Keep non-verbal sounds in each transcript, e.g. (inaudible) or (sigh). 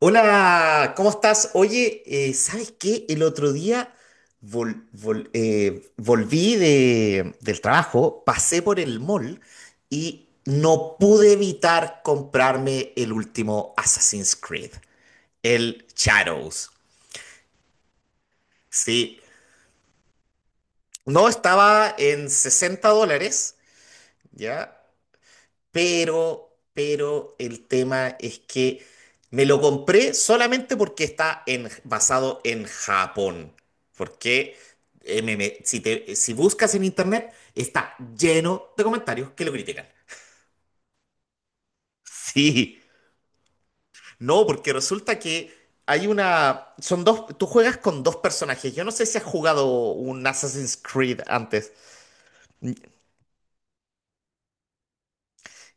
Hola, ¿cómo estás? Oye, ¿sabes qué? El otro día volví del trabajo, pasé por el mall y no pude evitar comprarme el último Assassin's Creed, el Shadows. Sí, no estaba en $60, ¿ya? Pero el tema es que me lo compré solamente porque basado en Japón. Porque si buscas en internet está lleno de comentarios que lo critican. (laughs) Sí, no, porque resulta que hay una... Son dos... Tú juegas con dos personajes. Yo no sé si has jugado un Assassin's Creed antes. Mm.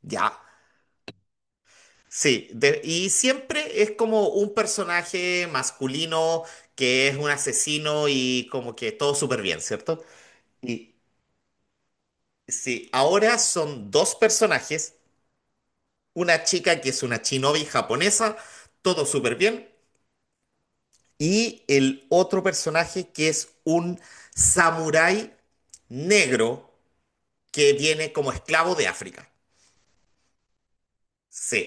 Ya. Sí, y siempre es como un personaje masculino que es un asesino y como que todo súper bien, ¿cierto? Y sí, ahora son dos personajes, una chica que es una shinobi japonesa, todo súper bien, y el otro personaje que es un samurái negro que viene como esclavo de África. Sí.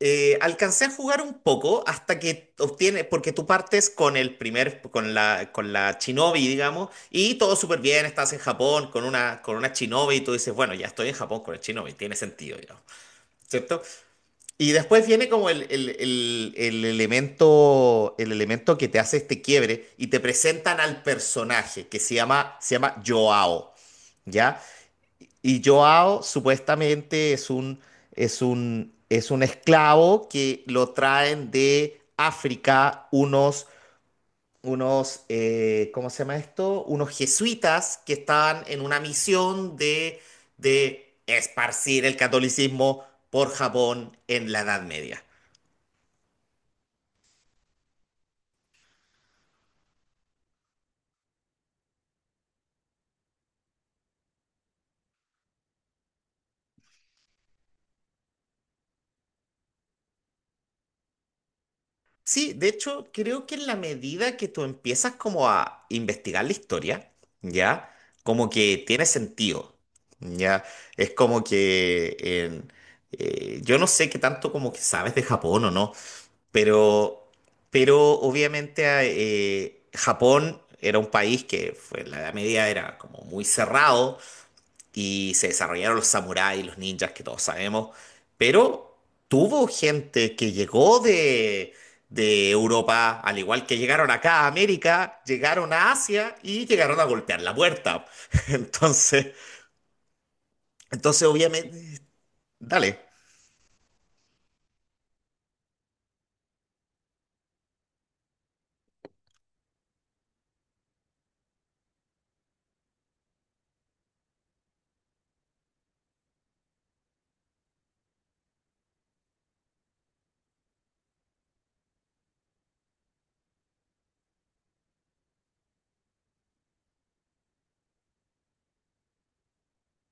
Alcancé a jugar un poco hasta que obtienes, porque tú partes con el primer, con la Shinobi, digamos, y todo súper bien, estás en Japón con una Shinobi y tú dices, bueno, ya estoy en Japón con el Shinobi, tiene sentido, digamos, ¿cierto? Y después viene como el elemento que te hace este quiebre y te presentan al personaje se llama Joao. ¿Ya? Y Joao supuestamente es es un esclavo que lo traen de África unos ¿cómo se llama esto? Unos jesuitas que estaban en una misión de esparcir el catolicismo por Japón en la Edad Media. Sí, de hecho, creo que en la medida que tú empiezas como a investigar la historia, ¿ya? Como que tiene sentido, ¿ya? Es como que en- yo no sé qué tanto como que sabes de Japón o no, pero, pero obviamente Japón era un país que fue, en la Edad Media era como muy cerrado y se desarrollaron los samuráis, los ninjas que todos sabemos, pero tuvo gente que llegó de Europa, al igual que llegaron acá a América, llegaron a Asia y llegaron a golpear la puerta. (laughs) Entonces, entonces obviamente, dale.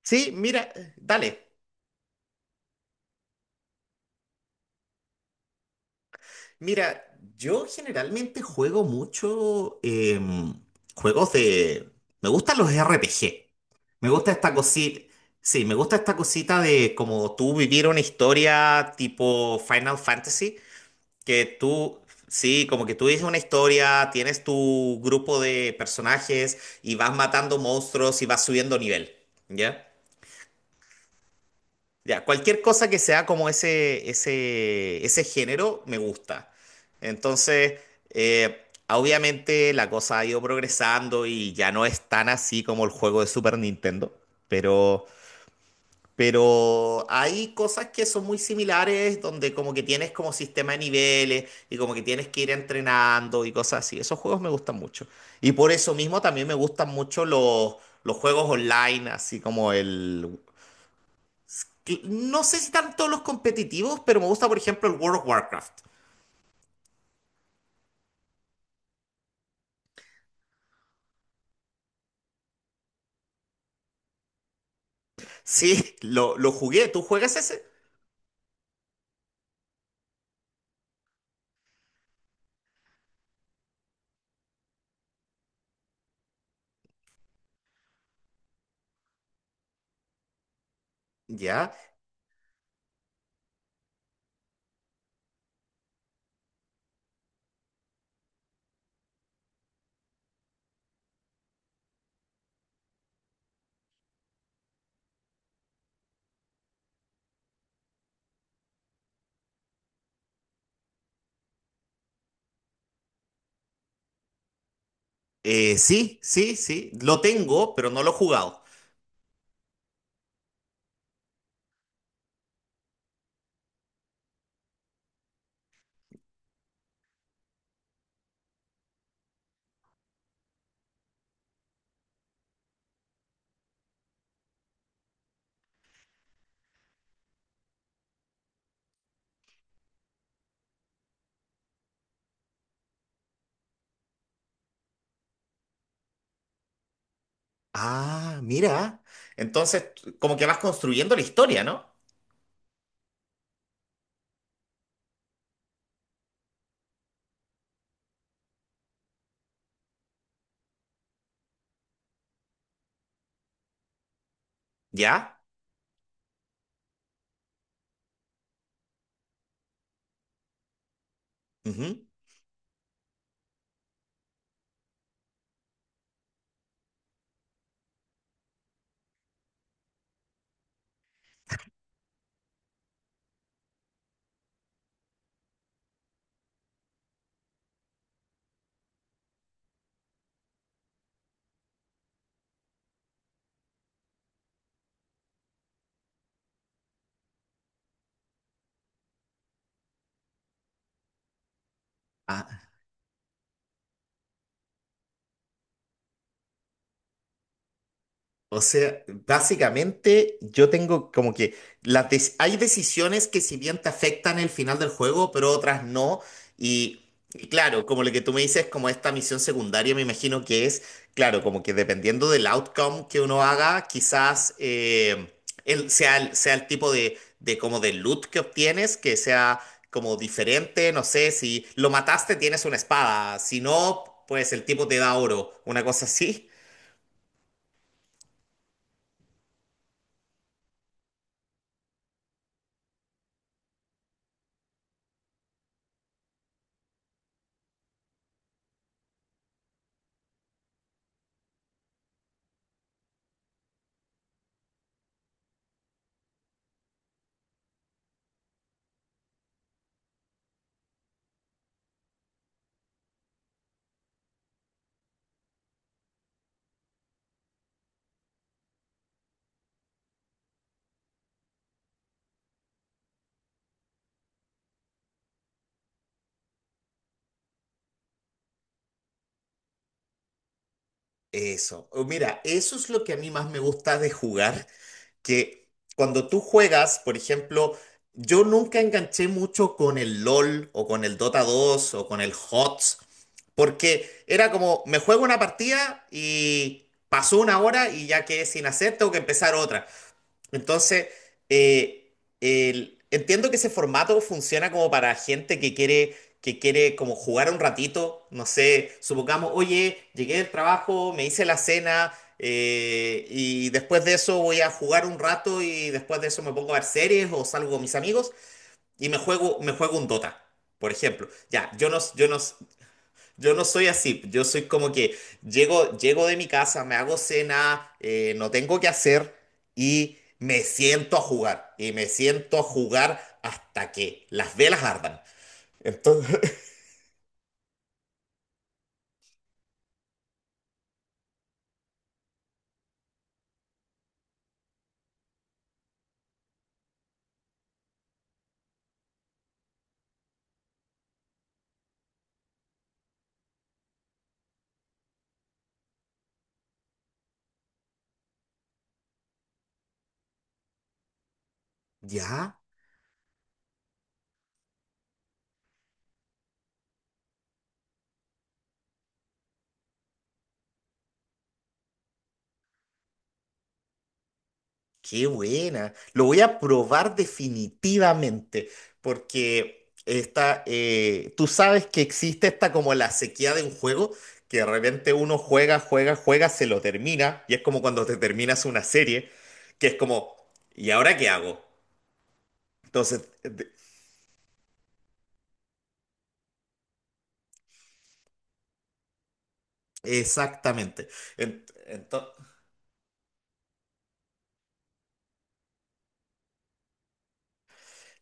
Sí, mira, dale. Mira, yo generalmente juego mucho juegos de... me gustan los RPG. Me gusta esta cosita... Sí, me gusta esta cosita de como tú vivir una historia tipo Final Fantasy, que tú... sí, como que tú dices una historia, tienes tu grupo de personajes y vas matando monstruos y vas subiendo nivel, ¿ya? Ya, cualquier cosa que sea como ese género me gusta. Entonces, obviamente la cosa ha ido progresando y ya no es tan así como el juego de Super Nintendo, pero, pero hay cosas que son muy similares donde como que tienes como sistema de niveles y como que tienes que ir entrenando y cosas así. Esos juegos me gustan mucho. Y por eso mismo también me gustan mucho los juegos online, así como el no sé si tanto los competitivos, pero me gusta, por ejemplo, el World of Warcraft. Sí, lo jugué. ¿Tú juegas ese? Ya. Sí, sí, sí. Lo tengo, pero no lo he jugado. Ah, mira. Entonces, como que vas construyendo la historia, ¿no? Ya. Ujú. Ah, o sea, básicamente yo tengo como que hay decisiones que si bien te afectan el final del juego, pero otras no. Y, y claro, como lo que tú me dices, como esta misión secundaria, me imagino que es, claro, como que dependiendo del outcome que uno haga, quizás sea el tipo de como de loot que obtienes, que sea como diferente, no sé, si lo mataste tienes una espada, si no, pues el tipo te da oro, una cosa así. Eso. O mira, eso es lo que a mí más me gusta de jugar, que cuando tú juegas, por ejemplo, yo nunca enganché mucho con el LOL o con el Dota 2 o con el HOTS, porque era como, me juego una partida y pasó una hora y ya quedé sin hacer, tengo que empezar otra. Entonces, eh, entiendo que ese formato funciona como para gente que quiere como jugar un ratito, no sé, supongamos, oye, llegué del trabajo, me hice la cena, y después de eso voy a jugar un rato y después de eso me pongo a ver series o salgo con mis amigos y me juego un Dota, por ejemplo. Ya, yo no soy así, yo soy como que llego de mi casa, me hago cena, no tengo que hacer y me siento a jugar. Y me siento a jugar hasta que las velas ardan. Entonces, (laughs) ¿ya? Qué buena. Lo voy a probar definitivamente, porque esta, tú sabes que existe esta como la sequía de un juego, que de repente uno juega, se lo termina, y es como cuando te terminas una serie, que es como, ¿y ahora qué hago? Entonces, exactamente.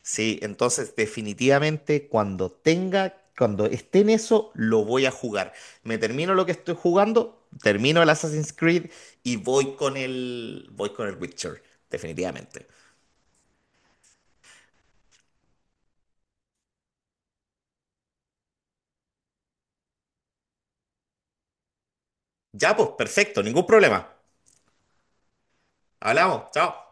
Sí, entonces definitivamente cuando tenga, cuando esté en eso, lo voy a jugar. Me termino lo que estoy jugando, termino el Assassin's Creed y voy con voy con el Witcher, definitivamente. Ya, pues, perfecto, ningún problema. Hablamos, chao.